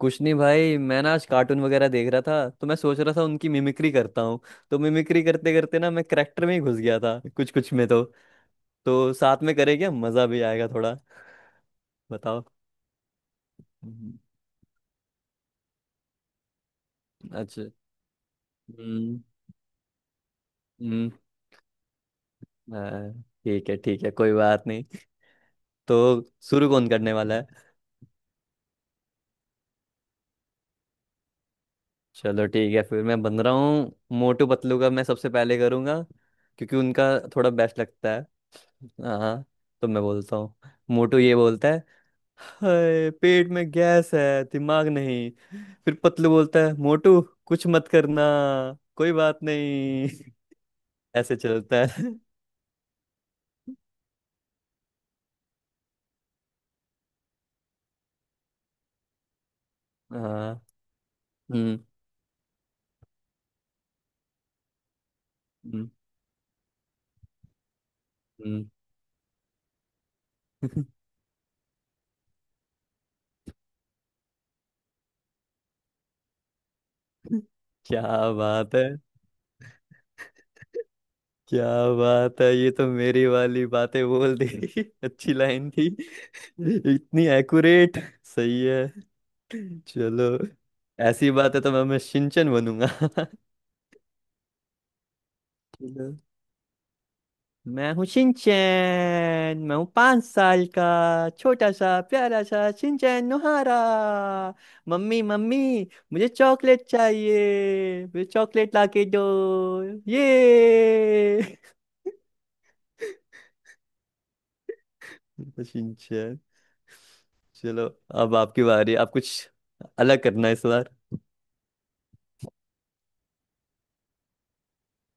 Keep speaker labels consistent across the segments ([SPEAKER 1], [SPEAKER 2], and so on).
[SPEAKER 1] कुछ नहीं भाई, मैं ना आज कार्टून वगैरह देख रहा था, तो मैं सोच रहा था उनकी मिमिक्री करता हूँ। तो मिमिक्री करते करते ना मैं करेक्टर में ही घुस गया था कुछ कुछ में। तो साथ में करेंगे, मजा भी आएगा थोड़ा। बताओ। हम्म। अच्छा। हम्म। हम्म। हाँ। ठीक है, ठीक है, कोई बात नहीं। तो शुरू कौन करने वाला है? चलो ठीक है, फिर मैं बन रहा हूँ। मोटू पतलू का मैं सबसे पहले करूँगा, क्योंकि उनका थोड़ा बेस्ट लगता है। हाँ, हाँ, तो मैं बोलता हूँ। मोटू ये बोलता है, हाय पेट में गैस है दिमाग नहीं। फिर पतलू बोलता है, मोटू कुछ मत करना, कोई बात नहीं। ऐसे चलता है। हाँ। हम्म। हम्म। हम्म। क्या बात है! क्या बात है, ये तो मेरी वाली बातें बोल दी। अच्छी लाइन थी। इतनी एक्यूरेट! सही है। चलो, ऐसी बात है तो मैं शिनचैन बनूंगा। मैं हूँ शिनचैन, मैं हूँ 5 साल का छोटा सा प्यारा सा शिनचैन नोहारा। मम्मी मम्मी, मुझे चॉकलेट चाहिए, मुझे चॉकलेट लाके दो। ये। तो शिनचैन। चलो, अब आपकी बारी। आप कुछ अलग करना है इस बार।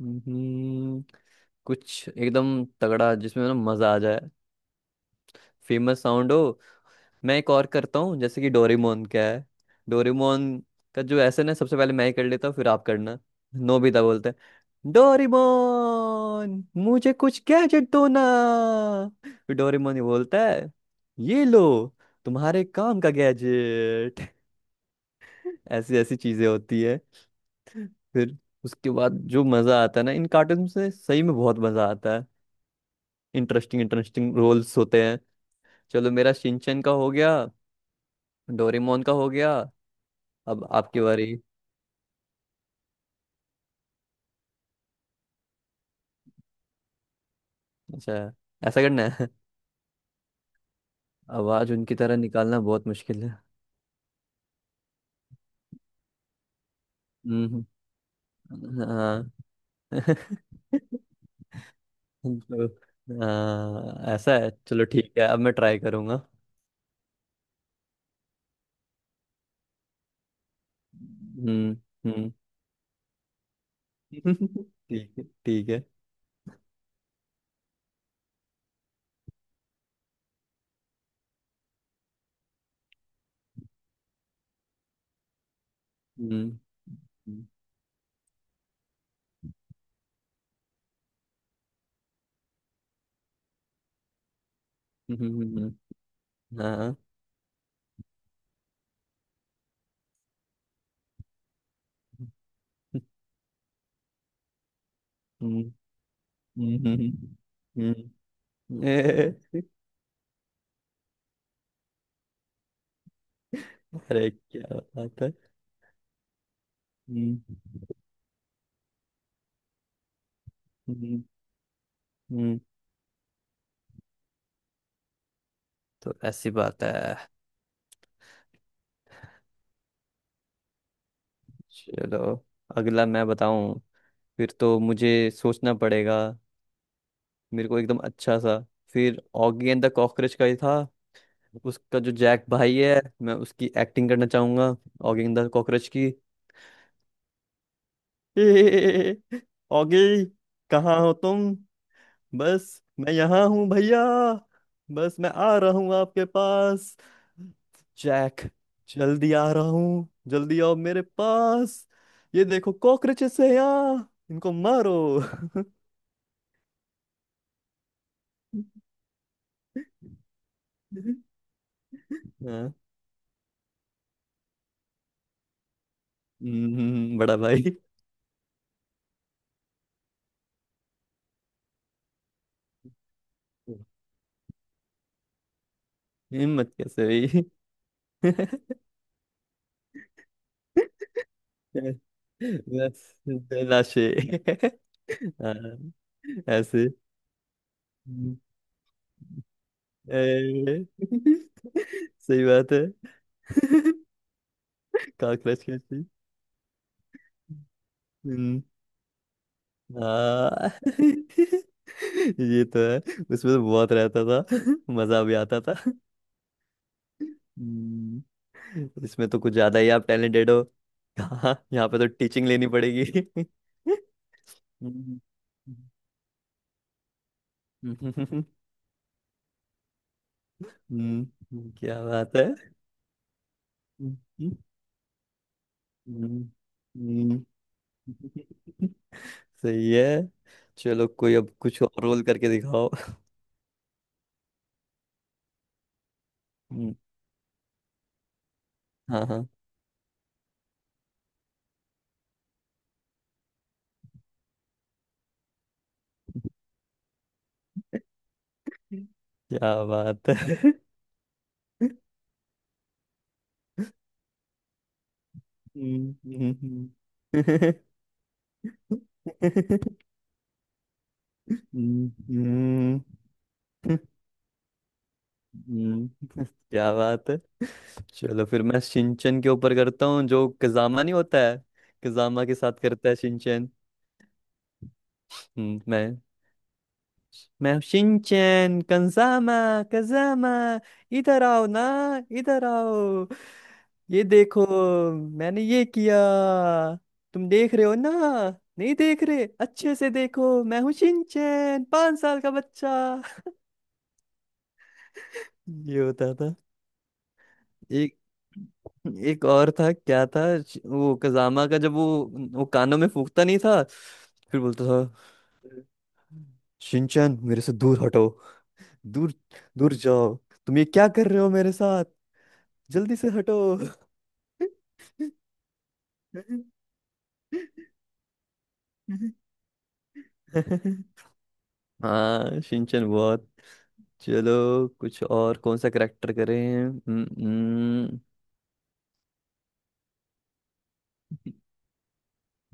[SPEAKER 1] हम्म, कुछ एकदम तगड़ा जिसमें ना मजा आ जाए, फेमस साउंड हो। मैं एक और करता हूँ, जैसे कि डोरेमोन क्या है। डोरेमोन का जो ऐसे ना, सबसे पहले मैं ही कर लेता हूँ, फिर आप करना। नोबिता बोलते हैं, डोरेमोन मुझे कुछ गैजेट दो ना। फिर डोरेमोन ही बोलता है, ये लो तुम्हारे काम का गैजेट। ऐसी ऐसी चीजें होती है। फिर उसके बाद जो मजा आता है ना, इन कार्टून से सही में बहुत मजा आता है। इंटरेस्टिंग इंटरेस्टिंग रोल्स होते हैं। चलो, मेरा शिनचैन का हो गया, डोरेमोन का हो गया। अब आपकी बारी। अच्छा। ऐसा करना है? आवाज उनकी तरह निकालना बहुत मुश्किल है। हम्म। हाँ। तो, हाँ, ऐसा है, चलो ठीक है, अब मैं ट्राई करूंगा। हम्म। हम्म। ठीक है, ठीक है। हम्म। हम्म। हम्म। हम्म। हाँ। हम्म। हम्म। हम्म। हम्म। अरे क्या बात है! हम्म। हम्म। हम्म। तो ऐसी बात है। चलो, अगला मैं बताऊं। फिर तो मुझे सोचना पड़ेगा। मेरे को एकदम अच्छा सा। फिर ऑगी एंड द कॉकरोच का ही था। उसका जो जैक भाई है, मैं उसकी एक्टिंग करना चाहूंगा। ऑगी एंड द कॉकरोच की। ऑगी, कहाँ हो तुम? बस मैं यहाँ हूँ भैया, बस मैं आ रहा हूँ आपके पास। जैक जल्दी आ रहा हूँ, जल्दी आओ मेरे पास। ये देखो कॉकरोचेस है यहाँ, इनको मारो। हाँ। बड़ा भाई। हिम्मत कैसे हुई! बस। लाशे! हाँ, ऐसे। हम्म। ए! सही बात है। काकरोच कैसी! हम्म। हाँ। ये तो है, उसमें तो बहुत रहता था। मजा भी आता था। हम्म, इसमें तो कुछ ज्यादा ही आप टैलेंटेड हो। हाँ, यहाँ पे तो टीचिंग लेनी पड़ेगी। हम्म। हम्म। क्या बात है। हम्म। हम्म। हम्म। सही है। चलो, कोई अब कुछ और रोल करके दिखाओ। हम्म। हाँ, हाँ। क्या बात है। हम्म। हम्म। हम्म। हम्म। हम्म, क्या बात है। चलो फिर मैं शिनचैन के ऊपर करता हूँ, जो कजामा नहीं होता है। कजामा के साथ करता है शिनचैन। हम्म। मैं। मैं शिनचैन। कंजामा, कंजामा, इधर आओ ना, इधर आओ। ये देखो मैंने ये किया, तुम देख रहे हो ना? नहीं देख रहे, अच्छे से देखो, मैं हूँ शिनचैन 5 साल का बच्चा। ये होता था। एक एक और था, क्या था, वो कजामा का, जब वो कानों में फूंकता नहीं था फिर बोलता था, शिनचैन मेरे से दूर हटो, दूर, दूर जाओ, तुम ये क्या कर रहे हो मेरे साथ, जल्दी से हटो। हाँ शिनचैन बहुत। चलो, कुछ और कौन सा करेक्टर करें? हम्म। हम्म।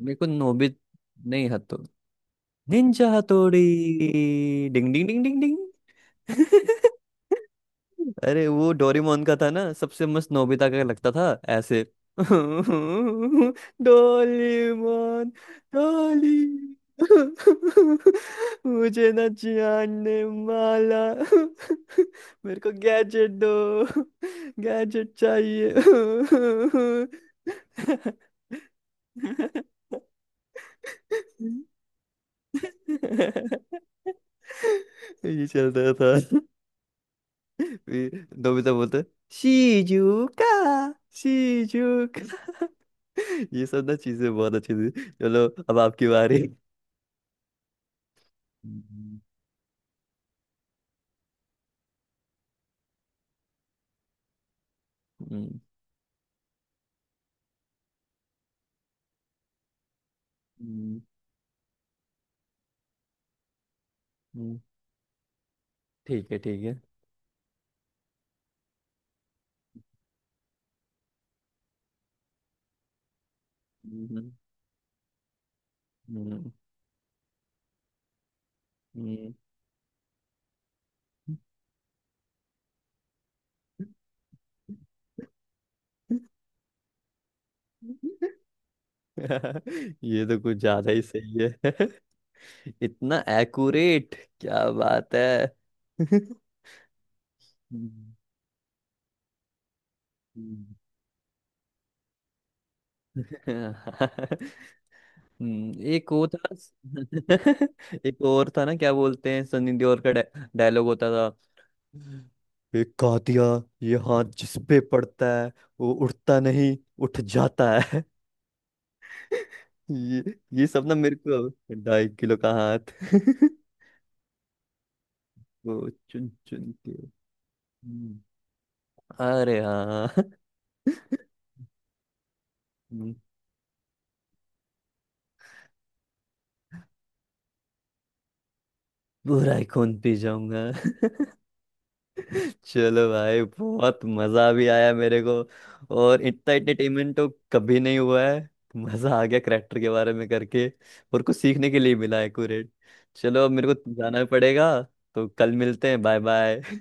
[SPEAKER 1] मेरे को नोबित नहीं, हतो। निंजा हथौड़ी। डिंग डिंग डिंग डिंग डिंग। अरे वो डोरेमोन का था ना सबसे मस्त, नोबिता का लगता था ऐसे। डोरेमोन। डोली। मुझे ना जानने वाला। मेरे को गैजेट दो, गैजेट चाहिए। ये चलता था। फिर नोबिता बोलता, शिजुका, शिजुका। ये सब ना चीजें बहुत अच्छी थी। चलो, अब आपकी बारी। हम्म। हम्म। हम्म। हम्म। ठीक है, ठीक है। हम्म। हम्म। हम्म। ये तो कुछ ज्यादा ही सही है। इतना एक्यूरेट! क्या बात है। हम्म। हम्म। एक वो था। एक और था ना, क्या बोलते हैं सनी देओल का डायलॉग होता था, एक कहा दिया ये हाथ जिस पे पड़ता है वो उठता नहीं, उठ जाता है। ये। ये सब ना मेरे को, अब 2.5 किलो का हाथ। वो चुन चुन के। हम्म। अरे हाँ। बुरा ही खून पी जाऊंगा। चलो भाई, बहुत मजा भी आया मेरे को, और इतना एंटरटेनमेंट तो कभी नहीं हुआ है। मजा आ गया करेक्टर के बारे में करके, और कुछ सीखने के लिए मिला है एक्यूरेट। चलो अब मेरे को जाना पड़ेगा, तो कल मिलते हैं, बाय बाय।